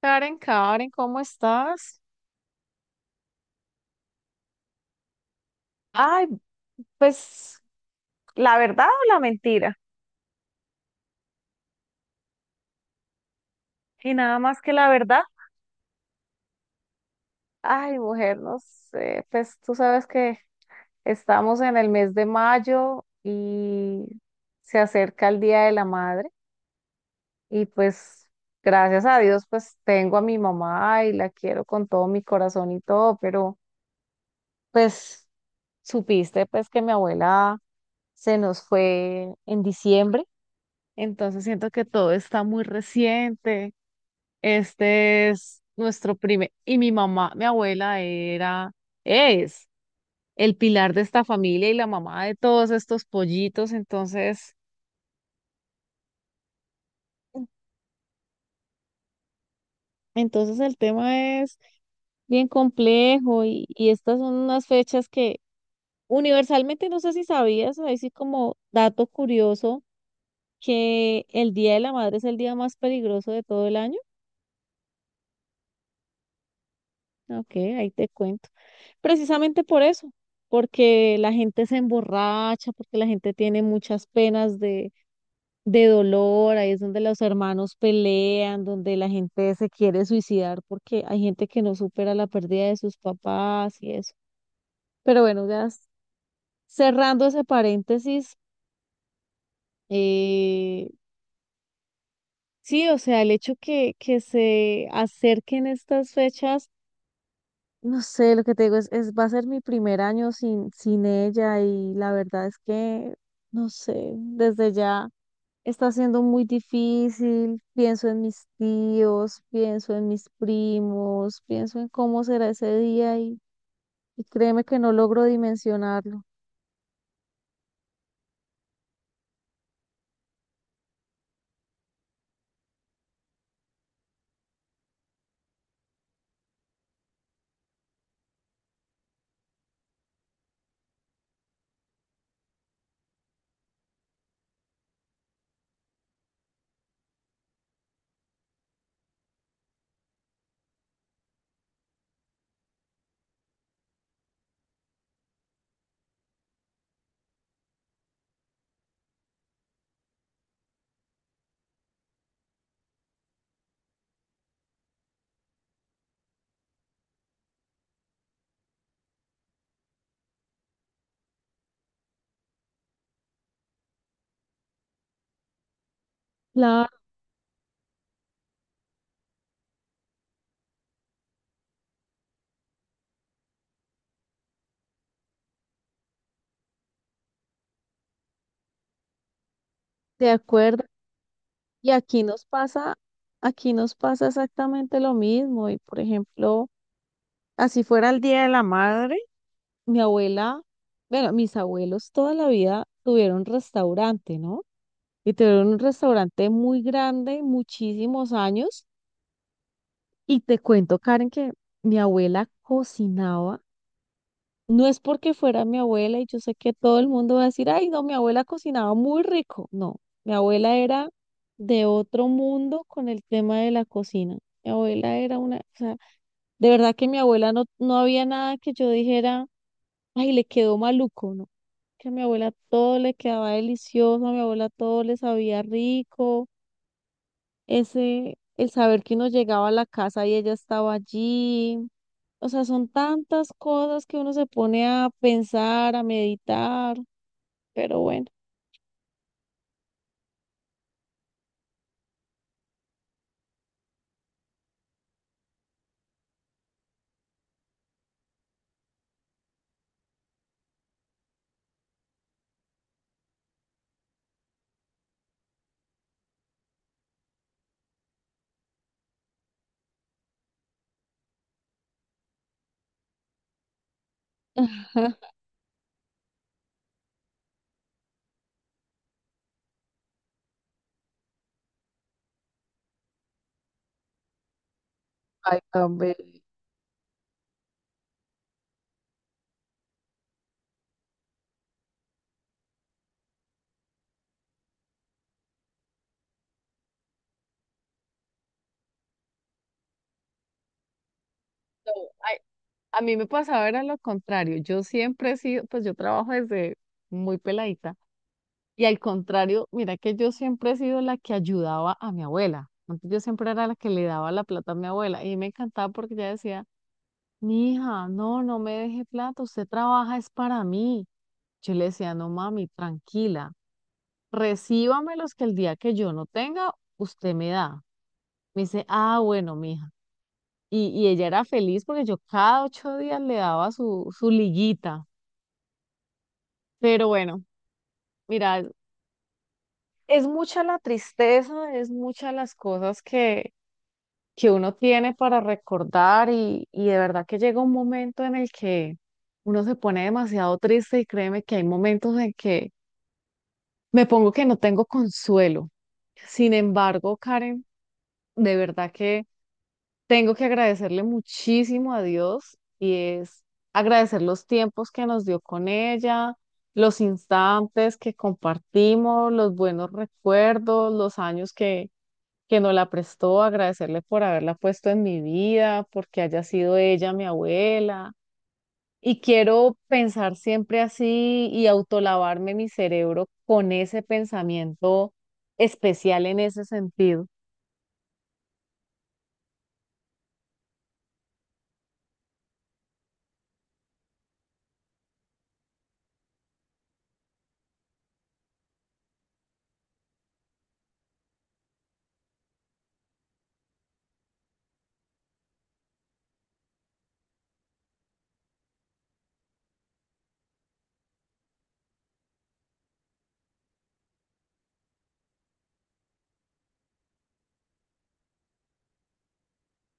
Karen, Karen, ¿cómo estás? Ay, pues la verdad o la mentira. Y nada más que la verdad. Ay, mujer, no sé, pues tú sabes que estamos en el mes de mayo y se acerca el Día de la Madre y pues gracias a Dios pues tengo a mi mamá y la quiero con todo mi corazón y todo, pero pues supiste pues que mi abuela se nos fue en diciembre. Entonces siento que todo está muy reciente. Este es nuestro primer, y mi mamá, mi abuela era, es el pilar de esta familia y la mamá de todos estos pollitos. Entonces el tema es bien complejo y estas son unas fechas que universalmente no sé si sabías, ahí sí como dato curioso, que el Día de la Madre es el día más peligroso de todo el año. Ok, ahí te cuento. Precisamente por eso, porque la gente se emborracha, porque la gente tiene muchas penas de dolor, ahí es donde los hermanos pelean, donde la gente se quiere suicidar, porque hay gente que no supera la pérdida de sus papás y eso. Pero bueno, cerrando ese paréntesis, eh, sí, o sea, el hecho que se acerquen estas fechas. No sé, lo que te digo va a ser mi primer año sin ella y la verdad es que, no sé, desde ya está siendo muy difícil. Pienso en mis tíos, pienso en mis primos, pienso en cómo será ese día y créeme que no logro dimensionarlo. Claro, de acuerdo. Y aquí nos pasa exactamente lo mismo. Y por ejemplo, así fuera el Día de la Madre. Mi abuela, bueno, mis abuelos toda la vida tuvieron restaurante, ¿no? Y tuvieron un restaurante muy grande, muchísimos años. Y te cuento, Karen, que mi abuela cocinaba. No es porque fuera mi abuela y yo sé que todo el mundo va a decir, ay, no, mi abuela cocinaba muy rico. No, mi abuela era de otro mundo con el tema de la cocina. Mi abuela era una, o sea, de verdad que mi abuela no había nada que yo dijera, ay, le quedó maluco, ¿no? Que a mi abuela todo le quedaba delicioso, a mi abuela todo le sabía rico, ese, el saber que uno llegaba a la casa y ella estaba allí. O sea, son tantas cosas que uno se pone a pensar, a meditar, pero bueno. Ajá. Ay, tan bello. No, ay, a mí me pasaba era lo contrario. Yo siempre he sido, pues yo trabajo desde muy peladita. Y al contrario, mira que yo siempre he sido la que ayudaba a mi abuela. Antes yo siempre era la que le daba la plata a mi abuela y me encantaba porque ella decía, mi hija, no, no me deje plata, usted trabaja es para mí. Yo le decía, no mami, tranquila, recíbamelos que el día que yo no tenga, usted me da. Me dice, ah, bueno, mija. Y ella era feliz porque yo cada 8 días le daba su liguita. Pero bueno, mira, es mucha la tristeza, es muchas las cosas que uno tiene para recordar y de verdad que llega un momento en el que uno se pone demasiado triste y créeme que hay momentos en que me pongo que no tengo consuelo. Sin embargo, Karen, de verdad que tengo que agradecerle muchísimo a Dios y es agradecer los tiempos que nos dio con ella, los instantes que compartimos, los buenos recuerdos, los años que nos la prestó, agradecerle por haberla puesto en mi vida, porque haya sido ella mi abuela. Y quiero pensar siempre así y autolavarme mi cerebro con ese pensamiento especial en ese sentido.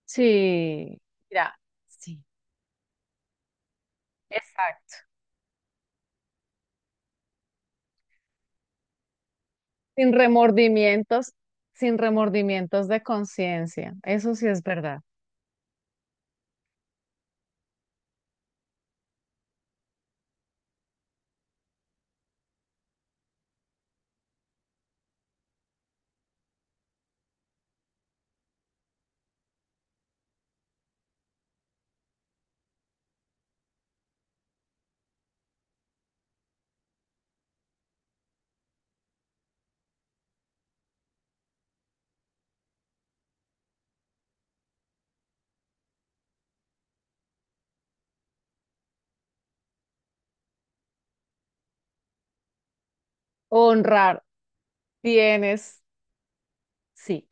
Sí, mira, sí, exacto. Sin remordimientos, sin remordimientos de conciencia. Eso sí es verdad. Honrar, tienes, sí.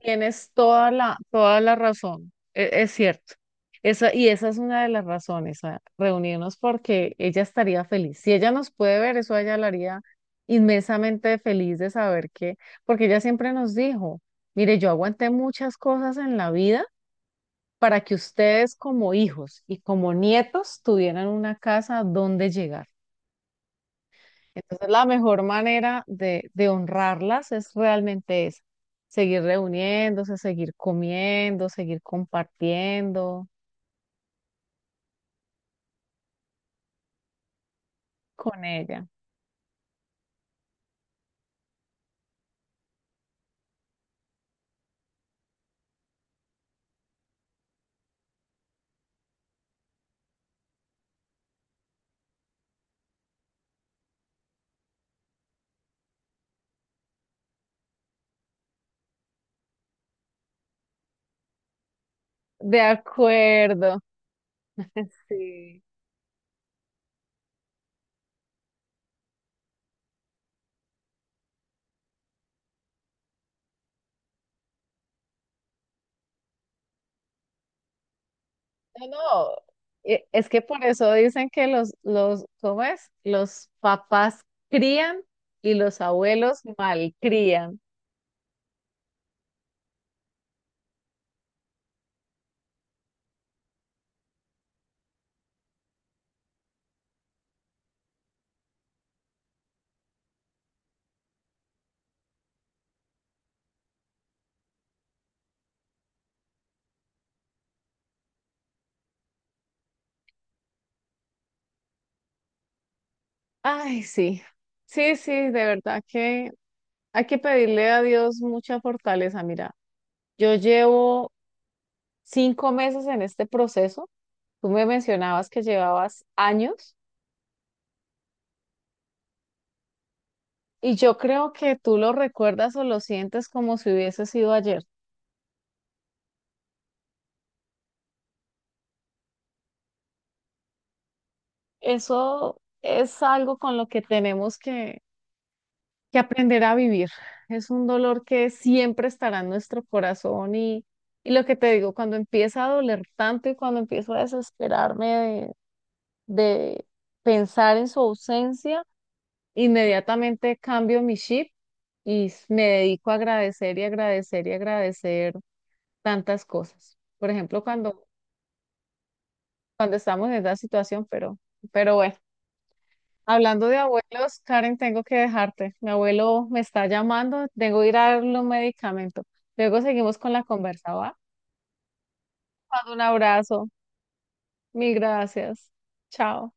Tienes toda toda la razón, es, cierto. Esa, y esa es una de las razones, a reunirnos porque ella estaría feliz. Si ella nos puede ver, eso a ella la haría inmensamente feliz de saber que, porque ella siempre nos dijo, mire, yo aguanté muchas cosas en la vida para que ustedes como hijos y como nietos tuvieran una casa donde llegar. Entonces, la mejor manera de honrarlas es realmente esa, seguir reuniéndose, seguir comiendo, seguir compartiendo con ella. De acuerdo. Sí. No, no, e- Es que por eso dicen que ¿cómo es? Los papás crían y los abuelos malcrían. Ay, sí, sí, sí, de verdad que hay que pedirle a Dios mucha fortaleza. Mira, yo llevo 5 meses en este proceso. Tú me mencionabas que llevabas años y yo creo que tú lo recuerdas o lo sientes como si hubiese sido ayer. Eso es algo con lo que tenemos que aprender a vivir. Es un dolor que siempre estará en nuestro corazón y lo que te digo, cuando empieza a doler tanto y cuando empiezo a desesperarme de de pensar en su ausencia, inmediatamente cambio mi chip y me dedico a agradecer y agradecer y agradecer tantas cosas. Por ejemplo, cuando estamos en esa situación, pero bueno, hablando de abuelos, Karen, tengo que dejarte. Mi abuelo me está llamando, tengo que ir a darle un medicamento. Luego seguimos con la conversa, ¿va? Mando un abrazo, mil gracias. Chao.